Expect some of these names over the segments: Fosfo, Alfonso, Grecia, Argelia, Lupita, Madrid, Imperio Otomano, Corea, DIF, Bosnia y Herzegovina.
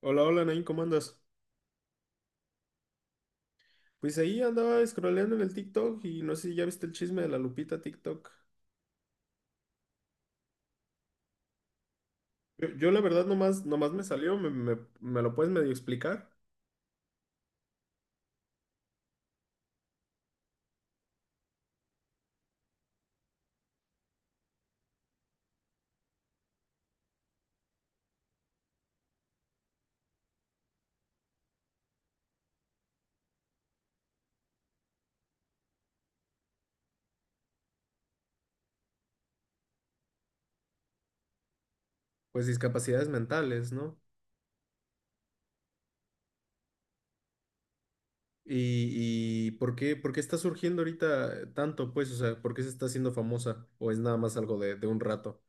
Hola, hola, Nain, ¿cómo andas? Pues ahí andaba scrolleando en el TikTok y no sé si ya viste el chisme de la Lupita TikTok. Yo la verdad nomás me salió, me lo puedes medio explicar, pues discapacidades mentales, ¿no? Y, y ¿por qué está surgiendo ahorita tanto, pues? O sea, ¿por qué se está haciendo famosa? ¿O es nada más algo de un rato?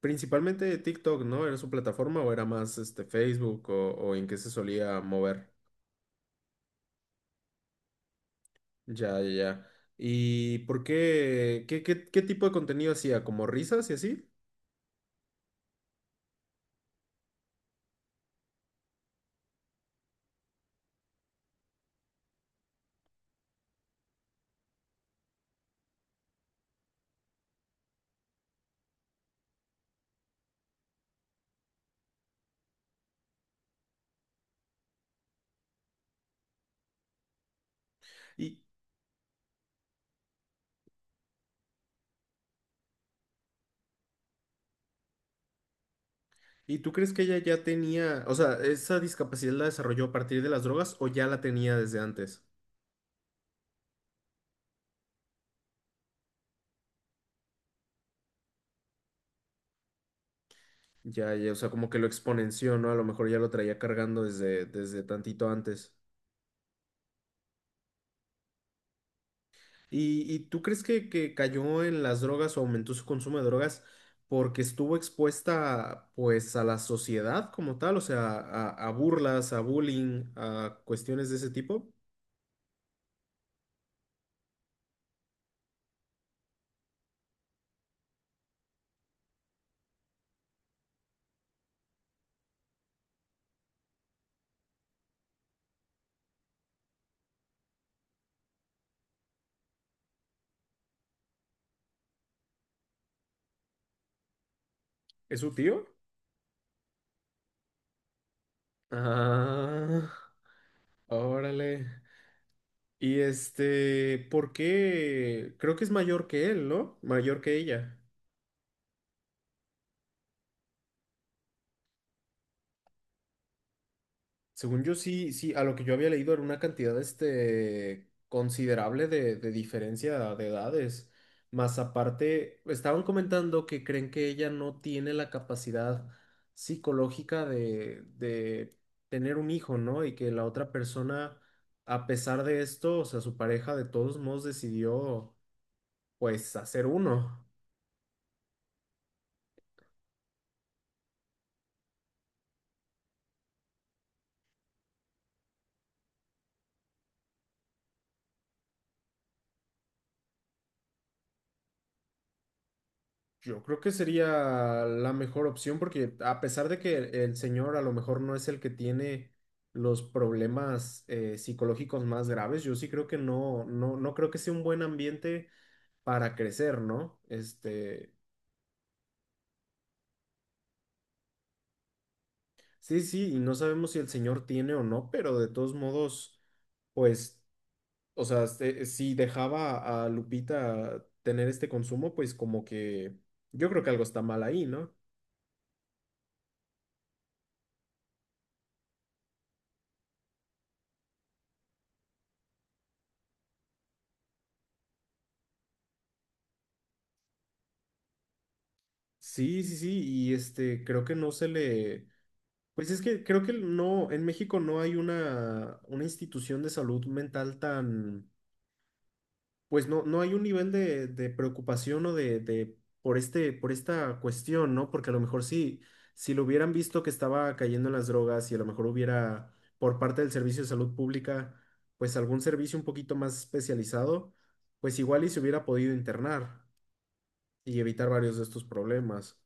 Principalmente de TikTok, ¿no? ¿Era su plataforma o era más este, Facebook o en qué se solía mover? Ya. ¿Y por qué? ¿Qué tipo de contenido hacía? ¿Como risas y así? ¿Y, y tú crees que ella ya tenía, o sea, esa discapacidad la desarrolló a partir de las drogas o ya la tenía desde antes? Ya, ya, o sea, como que lo exponenció, ¿no? A lo mejor ya lo traía cargando desde tantito antes. ¿Y tú crees que cayó en las drogas o aumentó su consumo de drogas porque estuvo expuesta, pues, a la sociedad como tal? O sea, a burlas, a bullying, a cuestiones de ese tipo. ¿Es su tío? Ah, órale. Y este, ¿por qué? Creo que es mayor que él, ¿no? Mayor que ella. Según yo, sí, sí, a lo que yo había leído era una cantidad, este, considerable de diferencia de edades. Más aparte, estaban comentando que creen que ella no tiene la capacidad psicológica de tener un hijo, ¿no? Y que la otra persona, a pesar de esto, o sea, su pareja de todos modos decidió, pues, hacer uno. Yo creo que sería la mejor opción porque a pesar de que el señor a lo mejor no es el que tiene los problemas psicológicos más graves, yo sí creo que no, no, no creo que sea un buen ambiente para crecer, ¿no? Este, sí, sí, y no sabemos si el señor tiene o no, pero de todos modos, pues, o sea, este, si dejaba a Lupita tener este consumo, pues como que yo creo que algo está mal ahí, ¿no? Sí, sí, sí, y este, creo que no se le, pues es que creo que no, en México no hay una institución de salud mental tan, pues no, no hay un nivel de preocupación o de, por este, por esta cuestión, ¿no? Porque a lo mejor sí, si lo hubieran visto que estaba cayendo en las drogas y a lo mejor hubiera, por parte del Servicio de Salud Pública, pues algún servicio un poquito más especializado, pues igual y se hubiera podido internar y evitar varios de estos problemas.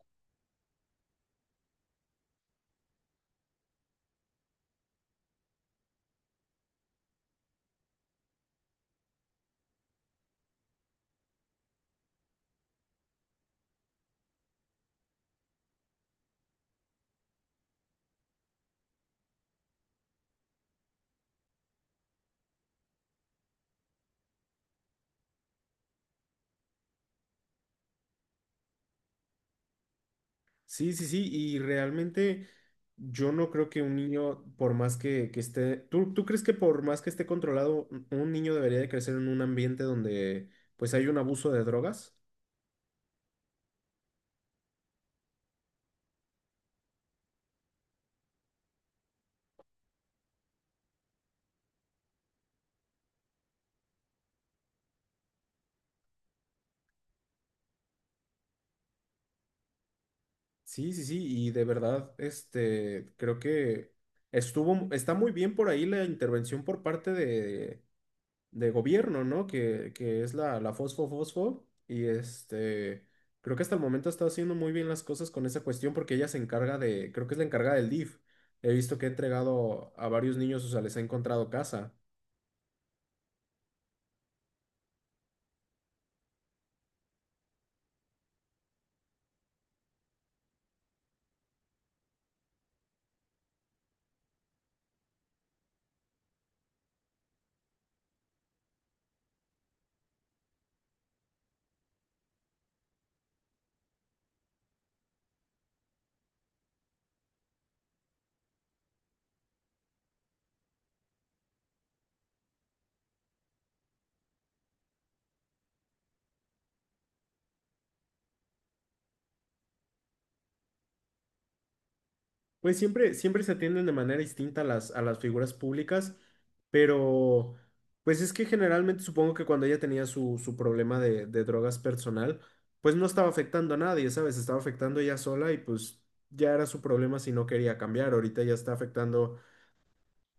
Sí, sí, sí, y realmente yo no creo que un niño, por más que esté, ¿tú, tú crees que por más que esté controlado, un niño debería de crecer en un ambiente donde pues hay un abuso de drogas? Sí, sí, sí, y de verdad, este, creo que estuvo, está muy bien por ahí la intervención por parte de gobierno, ¿no? Que es la, la Fosfo Fosfo. Y este, creo que hasta el momento está haciendo muy bien las cosas con esa cuestión porque ella se encarga de, creo que es la encargada del DIF. He visto que ha entregado a varios niños, o sea, les ha encontrado casa. Pues siempre, siempre se atienden de manera distinta a las figuras públicas, pero pues es que generalmente supongo que cuando ella tenía su, su problema de drogas personal, pues no estaba afectando a nadie, ¿sabes? Estaba afectando ella sola y pues ya era su problema si no quería cambiar. Ahorita ya está afectando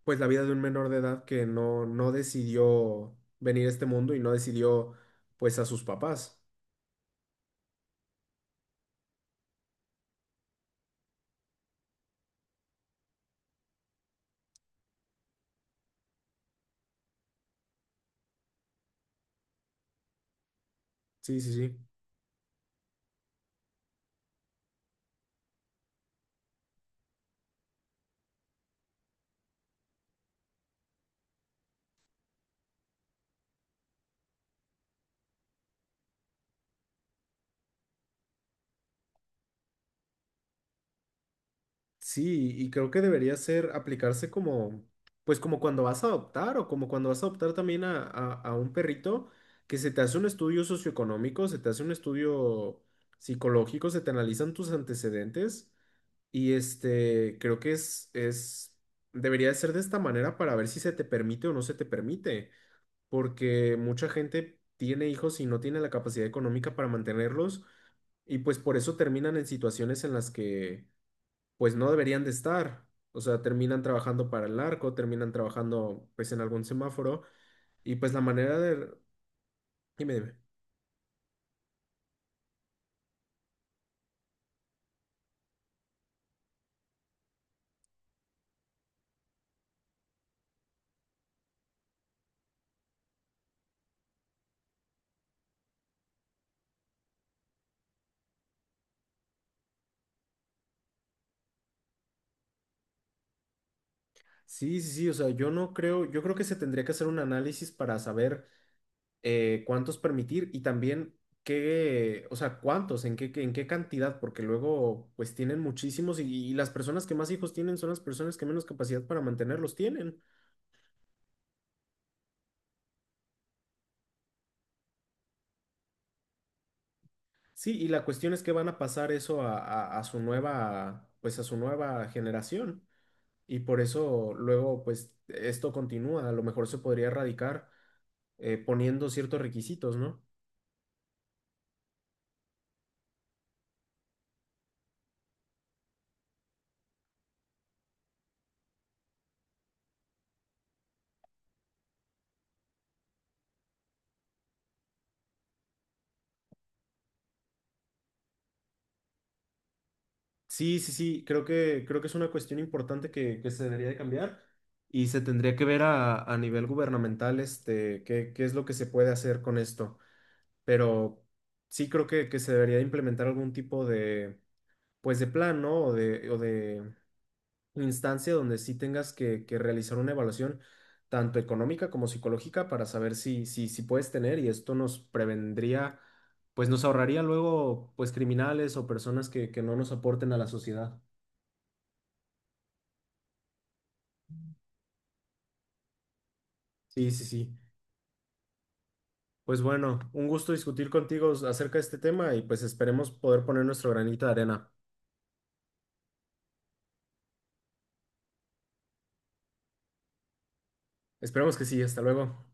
pues la vida de un menor de edad que no, no decidió venir a este mundo y no decidió pues a sus papás. Sí, sí, sí. Sí, y creo que debería ser aplicarse como, pues como cuando vas a adoptar o como cuando vas a adoptar también a, a un perrito, que se te hace un estudio socioeconómico, se te hace un estudio psicológico, se te analizan tus antecedentes y este, creo que es, debería de ser de esta manera para ver si se te permite o no se te permite, porque mucha gente tiene hijos y no tiene la capacidad económica para mantenerlos y pues por eso terminan en situaciones en las que pues no deberían de estar. O sea, terminan trabajando para el narco, terminan trabajando pues en algún semáforo y pues la manera de... Dime, dime. Sí, sí, sí, o sea, yo no creo, yo creo que se tendría que hacer un análisis para saber cuántos permitir y también qué, o sea, cuántos, en qué, en qué cantidad, porque luego pues tienen muchísimos y las personas que más hijos tienen son las personas que menos capacidad para mantenerlos tienen. Sí, y la cuestión es que van a pasar eso a, a su nueva, pues a su nueva generación. Y por eso luego, pues, esto continúa. A lo mejor se podría erradicar poniendo ciertos requisitos, ¿no? Sí, sí, sí, creo que es una cuestión importante que se debería de cambiar y se tendría que ver a nivel gubernamental, este, qué, qué es lo que se puede hacer con esto. Pero sí creo que se debería de implementar algún tipo de, pues, de plan, ¿no? O de instancia donde sí tengas que realizar una evaluación tanto económica como psicológica para saber si, si, si puedes tener y esto nos prevendría, pues nos ahorraría luego pues criminales o personas que no nos aporten a la sociedad. Sí, sí, sí. Pues bueno, un gusto discutir contigo acerca de este tema y pues esperemos poder poner nuestro granito de arena. Esperemos que sí, hasta luego.